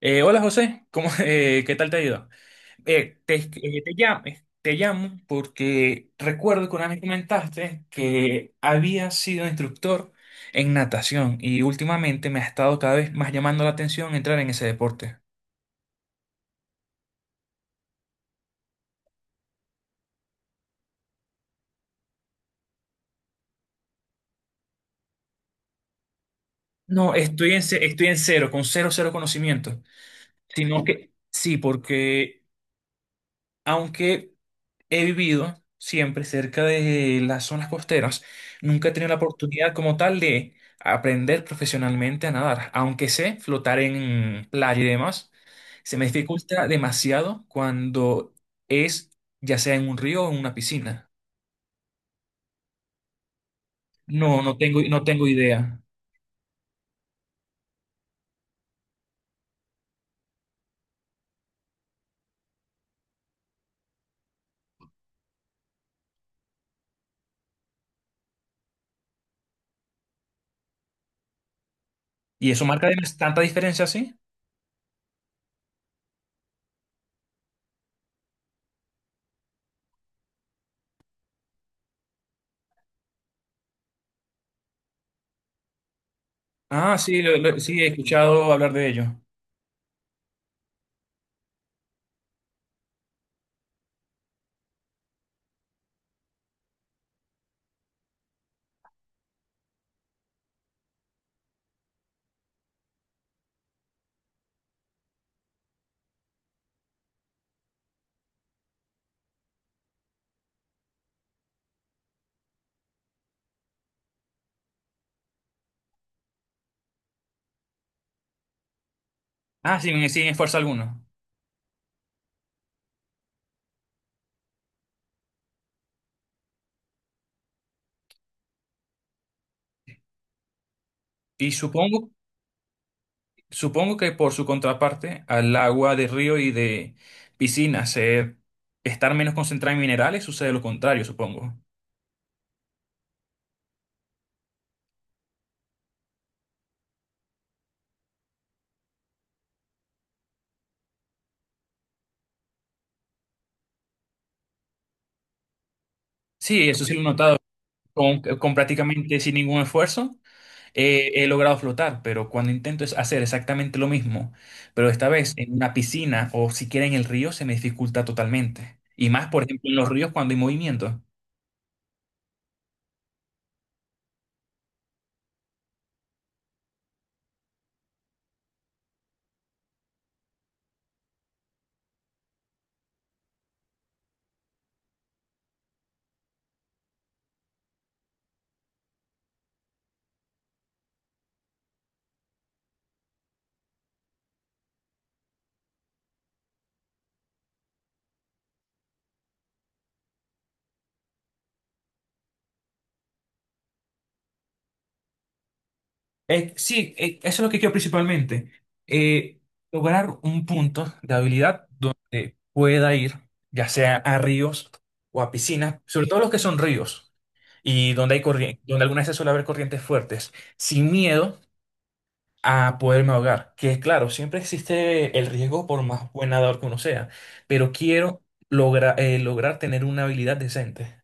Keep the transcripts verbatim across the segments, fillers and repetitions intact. Eh, hola José, ¿cómo, eh, qué tal te ha ido? Eh, te, eh, te llam- eh, te llamo porque recuerdo que una vez comentaste que habías sido instructor en natación y últimamente me ha estado cada vez más llamando la atención entrar en ese deporte. No, estoy en, ce- estoy en cero, con cero, cero conocimiento, sino que sí, porque aunque he vivido siempre cerca de las zonas costeras. Nunca he tenido la oportunidad como tal de aprender profesionalmente a nadar, aunque sé flotar en playa y demás. Se me dificulta demasiado cuando es Ya sea en un río o en una piscina, No, no tengo, no tengo idea. ¿Y eso marca dem- tanta diferencia así? Ah, sí, lo- lo- sí, he escuchado hablar de ello. Ah, sí, en- sí, en fuerza alguna. Y supongo Supongo que por su contraparte, al agua de río y de piscina ser, estar menos concentrada en minerales, sucede lo contrario, supongo. Sí, eso sí lo he notado. Con, con prácticamente sin ningún esfuerzo eh, he logrado flotar, pero cuando intento es hacer exactamente lo mismo, pero esta vez en una piscina o siquiera en el río se me dificulta totalmente. Y más, por ejemplo, en los ríos cuando hay movimiento. Eh, sí, eh, Eso es lo que quiero principalmente. Eh, Lograr un punto de habilidad donde pueda ir, ya sea a ríos o a piscinas, sobre todo los que son ríos y donde hay corriente, donde algunas veces suele haber corrientes fuertes, sin miedo a poderme ahogar. Que claro, siempre existe el riesgo por más buen nadador que uno sea, pero quiero logra- eh, lograr tener una habilidad decente.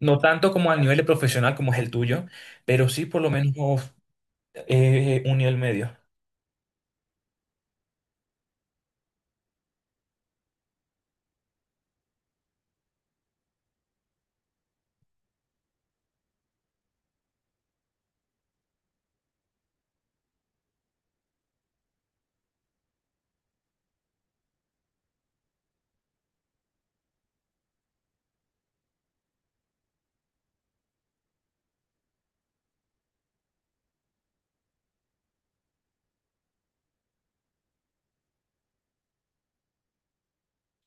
No tanto como al nivel de profesional como es el tuyo, pero sí por lo menos eh, un nivel medio.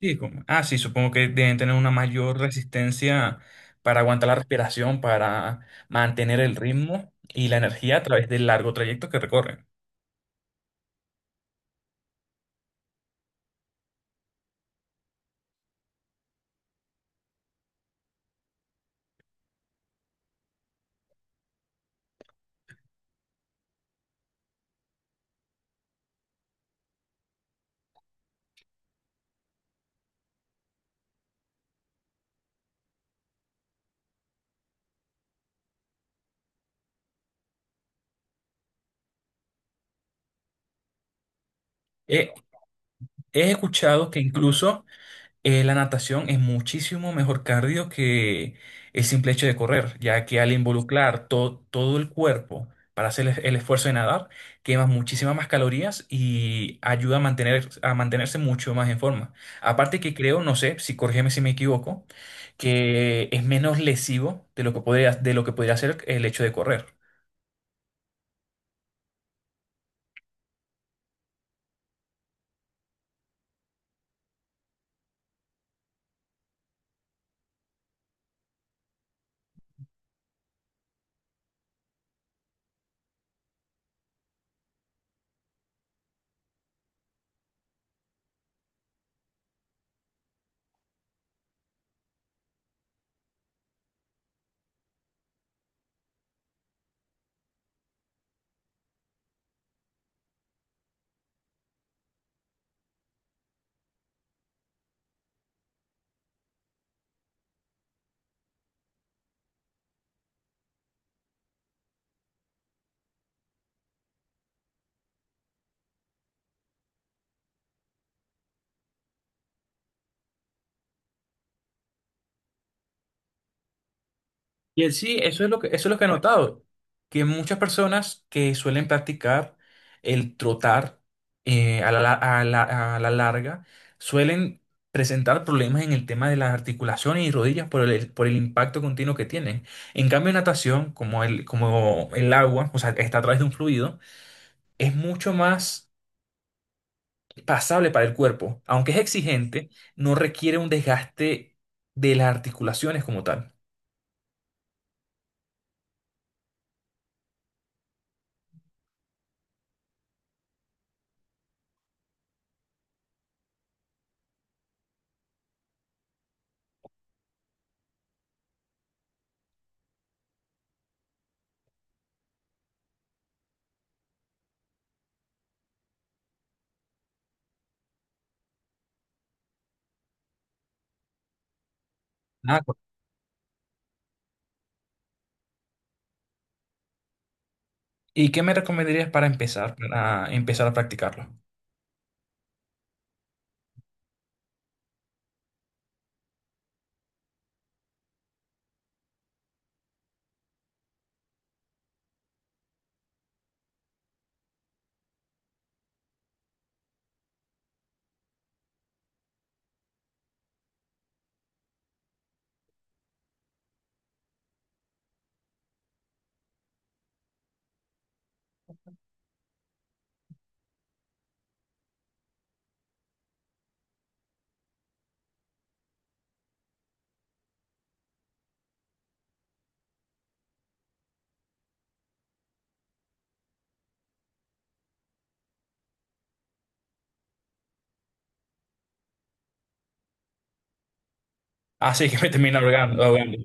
Sí, como- ah, sí, supongo que deben tener una mayor resistencia para aguantar la respiración, para mantener el ritmo y la energía a través del largo trayecto que recorren. He, he escuchado que incluso Eh, la natación es muchísimo mejor cardio que el simple hecho de correr, ya que al involucrar to- todo el cuerpo para hacer el, el esfuerzo de nadar, quemas muchísimas más calorías y ayuda a mantener, a mantenerse mucho más en forma. Aparte que creo, no sé, si corrígeme si me equivoco, que es menos lesivo de lo que podría, de lo que podría ser el hecho de correr. Y el sí, eso es lo que, eso es lo que he notado, que muchas personas que suelen practicar el trotar eh, a la, la- a la- a la larga suelen presentar problemas en el tema de las articulaciones y rodillas por el, por el impacto continuo que tienen. En cambio, natación, como el, como el agua, o sea, está a través de un fluido, es mucho más pasable para el cuerpo. Aunque es exigente, no requiere un desgaste de las articulaciones como tal. ¿Y qué me recomendarías para empezar, para empezar a practicarlo? Ah, sí, que me termina ahogando. ahogando.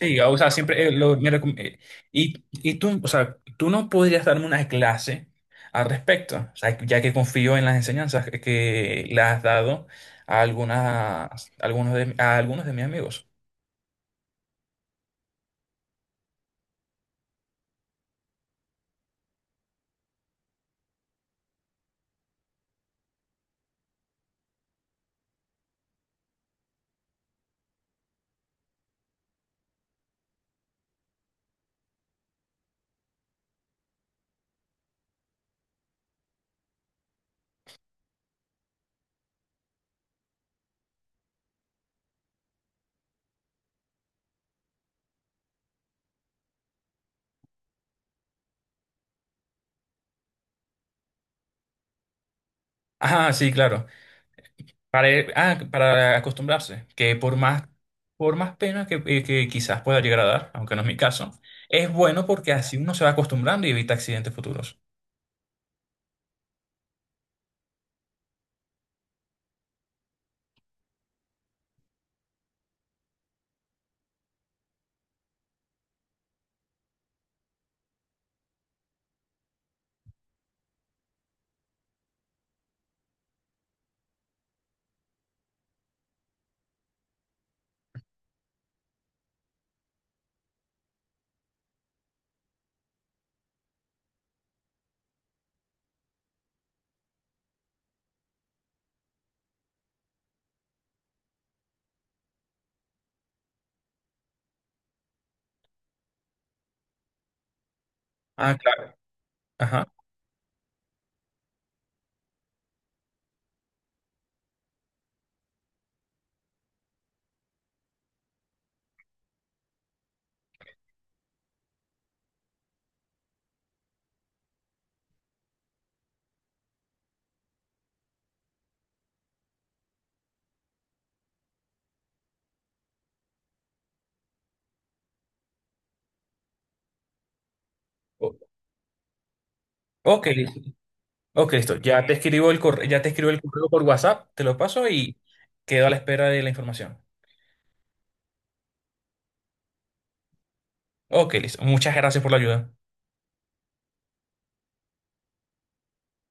Sí, o sea, siempre eh, lo- me recom- eh, y, y tú, o sea, tú no podrías darme una clase al respecto, o sea, ya que confío en las enseñanzas que, que le has dado a algunas, algunos de, a algunos de mis amigos. Ah, sí, claro. Para, ir- ah, para acostumbrarse, que por más, por más pena que, eh, que quizás pueda llegar a dar, aunque no es mi caso, es bueno porque así uno se va acostumbrando y evita accidentes futuros. Ah, claro. Ajá. O- Ok, listo. Ok, listo. Ya te escribo el correo, ya te escribo el correo por WhatsApp, te lo paso y quedo a la espera de la información. Ok, listo. Muchas gracias por la ayuda.